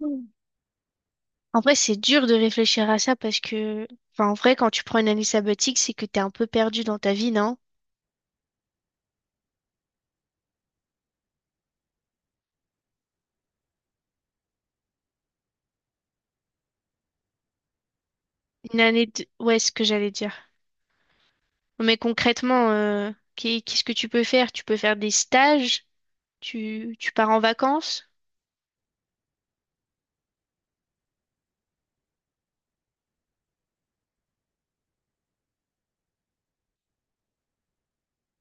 Mm. En vrai, c'est dur de réfléchir à ça parce que, enfin, en vrai, quand tu prends une année sabbatique, c'est que t'es un peu perdu dans ta vie, non? Ouais, c'est ce que j'allais dire. Mais concrètement, qu'est-ce que tu peux faire? Tu peux faire des stages? Tu pars en vacances?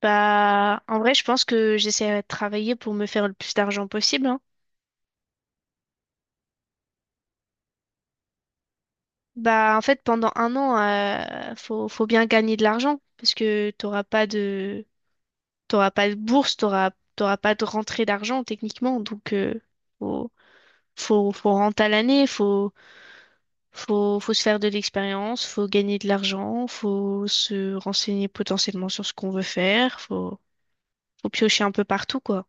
Bah, en vrai, je pense que j'essaierai de travailler pour me faire le plus d'argent possible, hein. Bah, en fait, pendant un an, faut bien gagner de l'argent parce que t'auras pas de bourse, t'auras pas de rentrée d'argent techniquement. Donc, faut, faut rentrer à l'année, faut se faire de l'expérience, faut gagner de l'argent, faut se renseigner potentiellement sur ce qu'on veut faire, faut piocher un peu partout, quoi.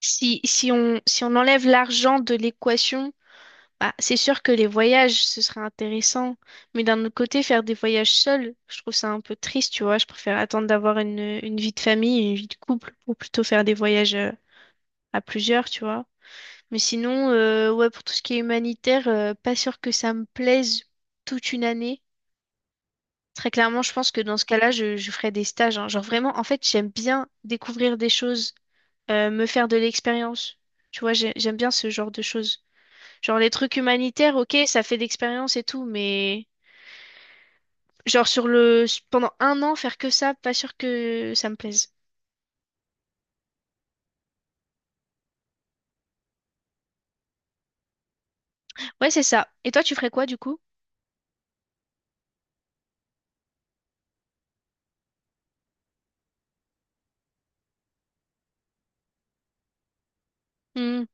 Si on enlève l'argent de l'équation, bah, c'est sûr que les voyages, ce serait intéressant. Mais d'un autre côté, faire des voyages seuls, je trouve ça un peu triste, tu vois. Je préfère attendre d'avoir une vie de famille, une vie de couple, pour plutôt faire des voyages à plusieurs, tu vois. Mais sinon, ouais, pour tout ce qui est humanitaire, pas sûr que ça me plaise toute une année. Très clairement, je pense que dans ce cas-là, je ferais des stages. Hein. Genre vraiment, en fait, j'aime bien découvrir des choses, me faire de l'expérience. Tu vois, j'aime bien ce genre de choses. Genre les trucs humanitaires, ok, ça fait d'expérience et tout, mais genre sur le pendant un an faire que ça, pas sûr que ça me plaise. Ouais, c'est ça. Et toi, tu ferais quoi du coup? Hmm.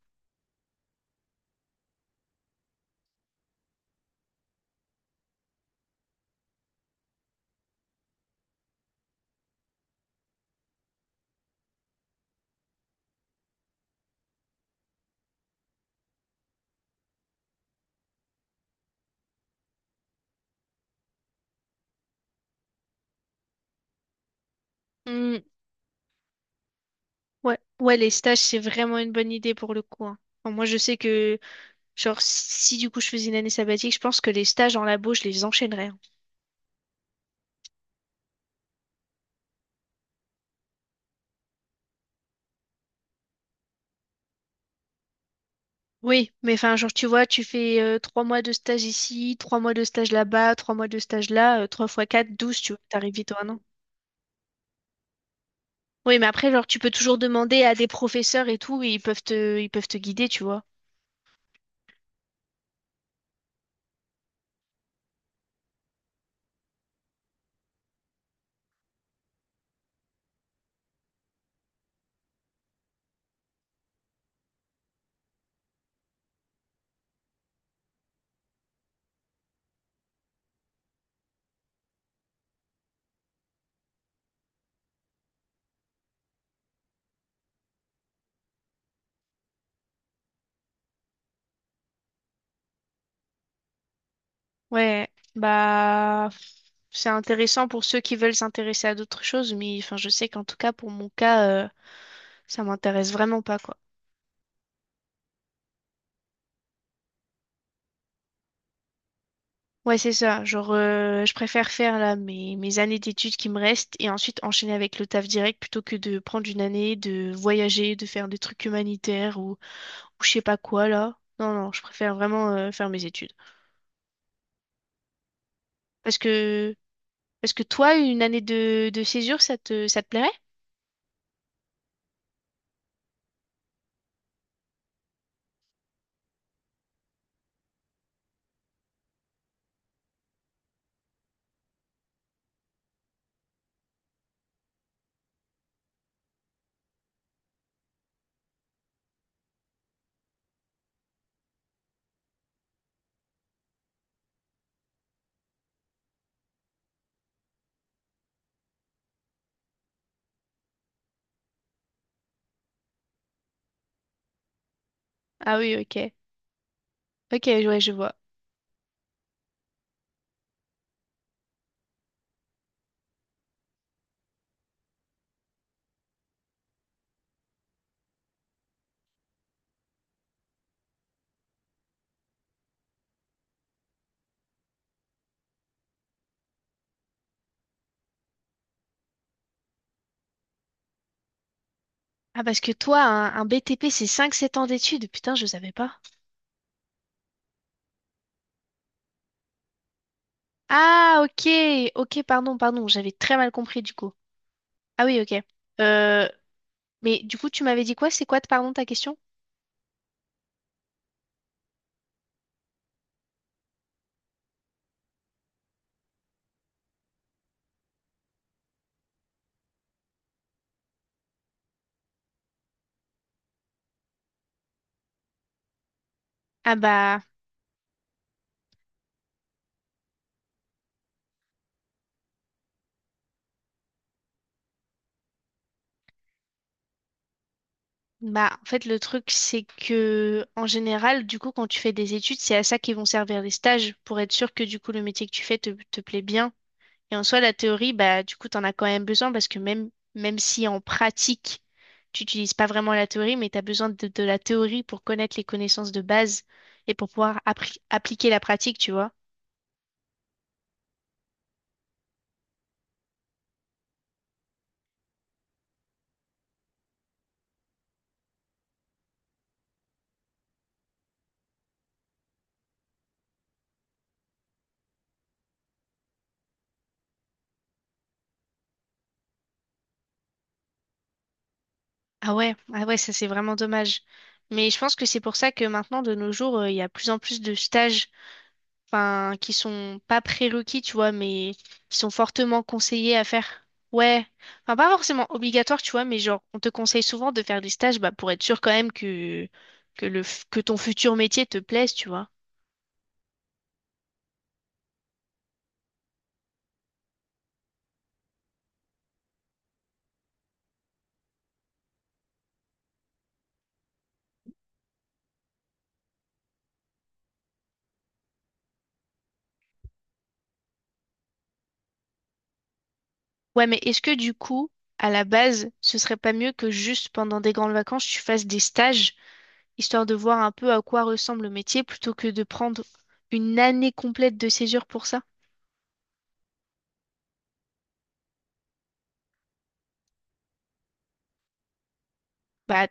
Hmm. Ouais, ouais, les stages, c'est vraiment une bonne idée pour le coup. Hein. Enfin, moi, je sais que, genre, si du coup je faisais une année sabbatique, je pense que les stages en labo, je les enchaînerais. Hein. Oui, mais enfin, genre, tu vois, tu fais 3 mois de stage ici, 3 mois de stage là-bas, 3 mois de stage là, 3 fois 4, 12, tu vois, t'arrives vite à un an. Oui, mais après, genre, tu peux toujours demander à des professeurs et tout, et ils peuvent te guider, tu vois. Ouais, bah c'est intéressant pour ceux qui veulent s'intéresser à d'autres choses, mais enfin je sais qu'en tout cas pour mon cas, ça m'intéresse vraiment pas quoi. Ouais, c'est ça. Genre je préfère faire là mes années d'études qui me restent et ensuite enchaîner avec le taf direct plutôt que de prendre une année, de voyager, de faire des trucs humanitaires ou je sais pas quoi là. Non, non, je préfère vraiment faire mes études. Parce que Est-ce que toi, une année de césure, ça te plairait? Ah oui, ok. Ok, ouais, je vois. Ah, parce que toi, un BTP, c'est cinq sept ans d'études. Putain, je savais pas. Ah, ok. Ok, pardon, pardon. J'avais très mal compris, du coup. Ah oui, ok. Euh, mais du coup, tu m'avais dit quoi? C'est quoi, pardon, ta question? Ah bah... Bah, en fait, le truc, c'est que, en général, du coup, quand tu fais des études, c'est à ça qu'ils vont servir les stages, pour être sûr que, du coup, le métier que tu fais te plaît bien. Et en soi, la théorie, bah, du coup, t'en as quand même besoin, parce que même si en pratique, tu n'utilises pas vraiment la théorie, mais t'as besoin de la théorie pour connaître les connaissances de base et pour pouvoir appliquer la pratique, tu vois. Ah ouais, ah ouais, ça, c'est vraiment dommage. Mais je pense que c'est pour ça que maintenant, de nos jours, il y a plus en plus de stages enfin, qui sont pas prérequis, tu vois, mais qui sont fortement conseillés à faire. Ouais, enfin, pas forcément obligatoire, tu vois, mais genre, on te conseille souvent de faire des stages, bah, pour être sûr quand même que ton futur métier te plaise, tu vois. Ouais, mais est-ce que du coup, à la base, ce serait pas mieux que juste pendant des grandes vacances, tu fasses des stages, histoire de voir un peu à quoi ressemble le métier, plutôt que de prendre une année complète de césure pour ça? Bah,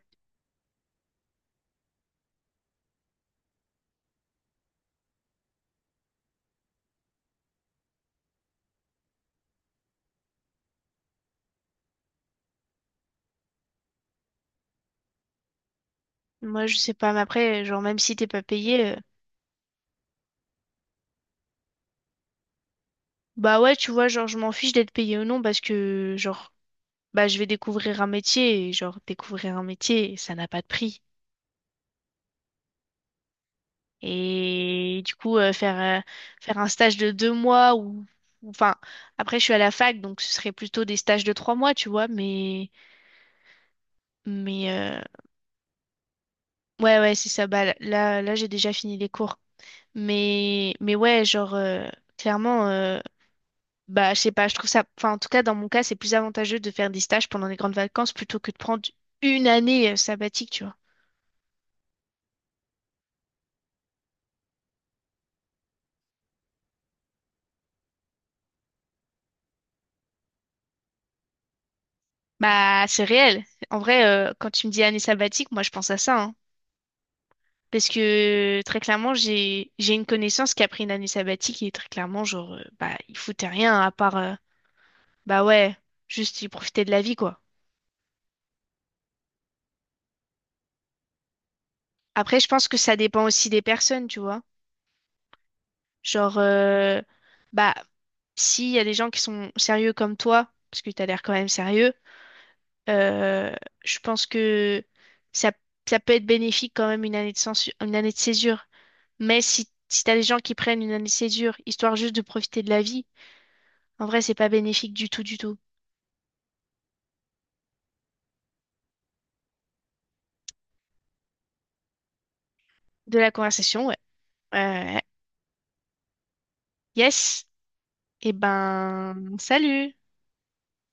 moi, je sais pas, mais après, genre, même si t'es pas payé, bah ouais, tu vois, genre, je m'en fiche d'être payé ou non parce que, genre, bah, je vais découvrir un métier et, genre, découvrir un métier, ça n'a pas de prix. Et du coup, faire un stage de 2 mois enfin, après, je suis à la fac, donc ce serait plutôt des stages de 3 mois, tu vois, mais, euh, ouais, ouais, c'est ça, bah, là, j'ai déjà fini les cours. Mais ouais, genre, clairement, bah, je sais pas, je trouve ça, enfin, en tout cas, dans mon cas, c'est plus avantageux de faire des stages pendant les grandes vacances plutôt que de prendre une année sabbatique, tu vois. Bah, c'est réel. En vrai, quand tu me dis année sabbatique, moi, je pense à ça, hein. Parce que très clairement, j'ai une connaissance qui a pris une année sabbatique et très clairement, genre, bah, il foutait rien à part, bah ouais, juste il profitait de la vie, quoi. Après, je pense que ça dépend aussi des personnes, tu vois. Genre, bah, s'il y a des gens qui sont sérieux comme toi, parce que t'as l'air quand même sérieux, Euh, je pense que ça, ça peut être bénéfique quand même une année de césure. Mais si t'as des gens qui prennent une année de césure, histoire juste de profiter de la vie, en vrai, c'est pas bénéfique du tout, du tout. De la conversation, ouais. Euh, yes. Eh ben, salut!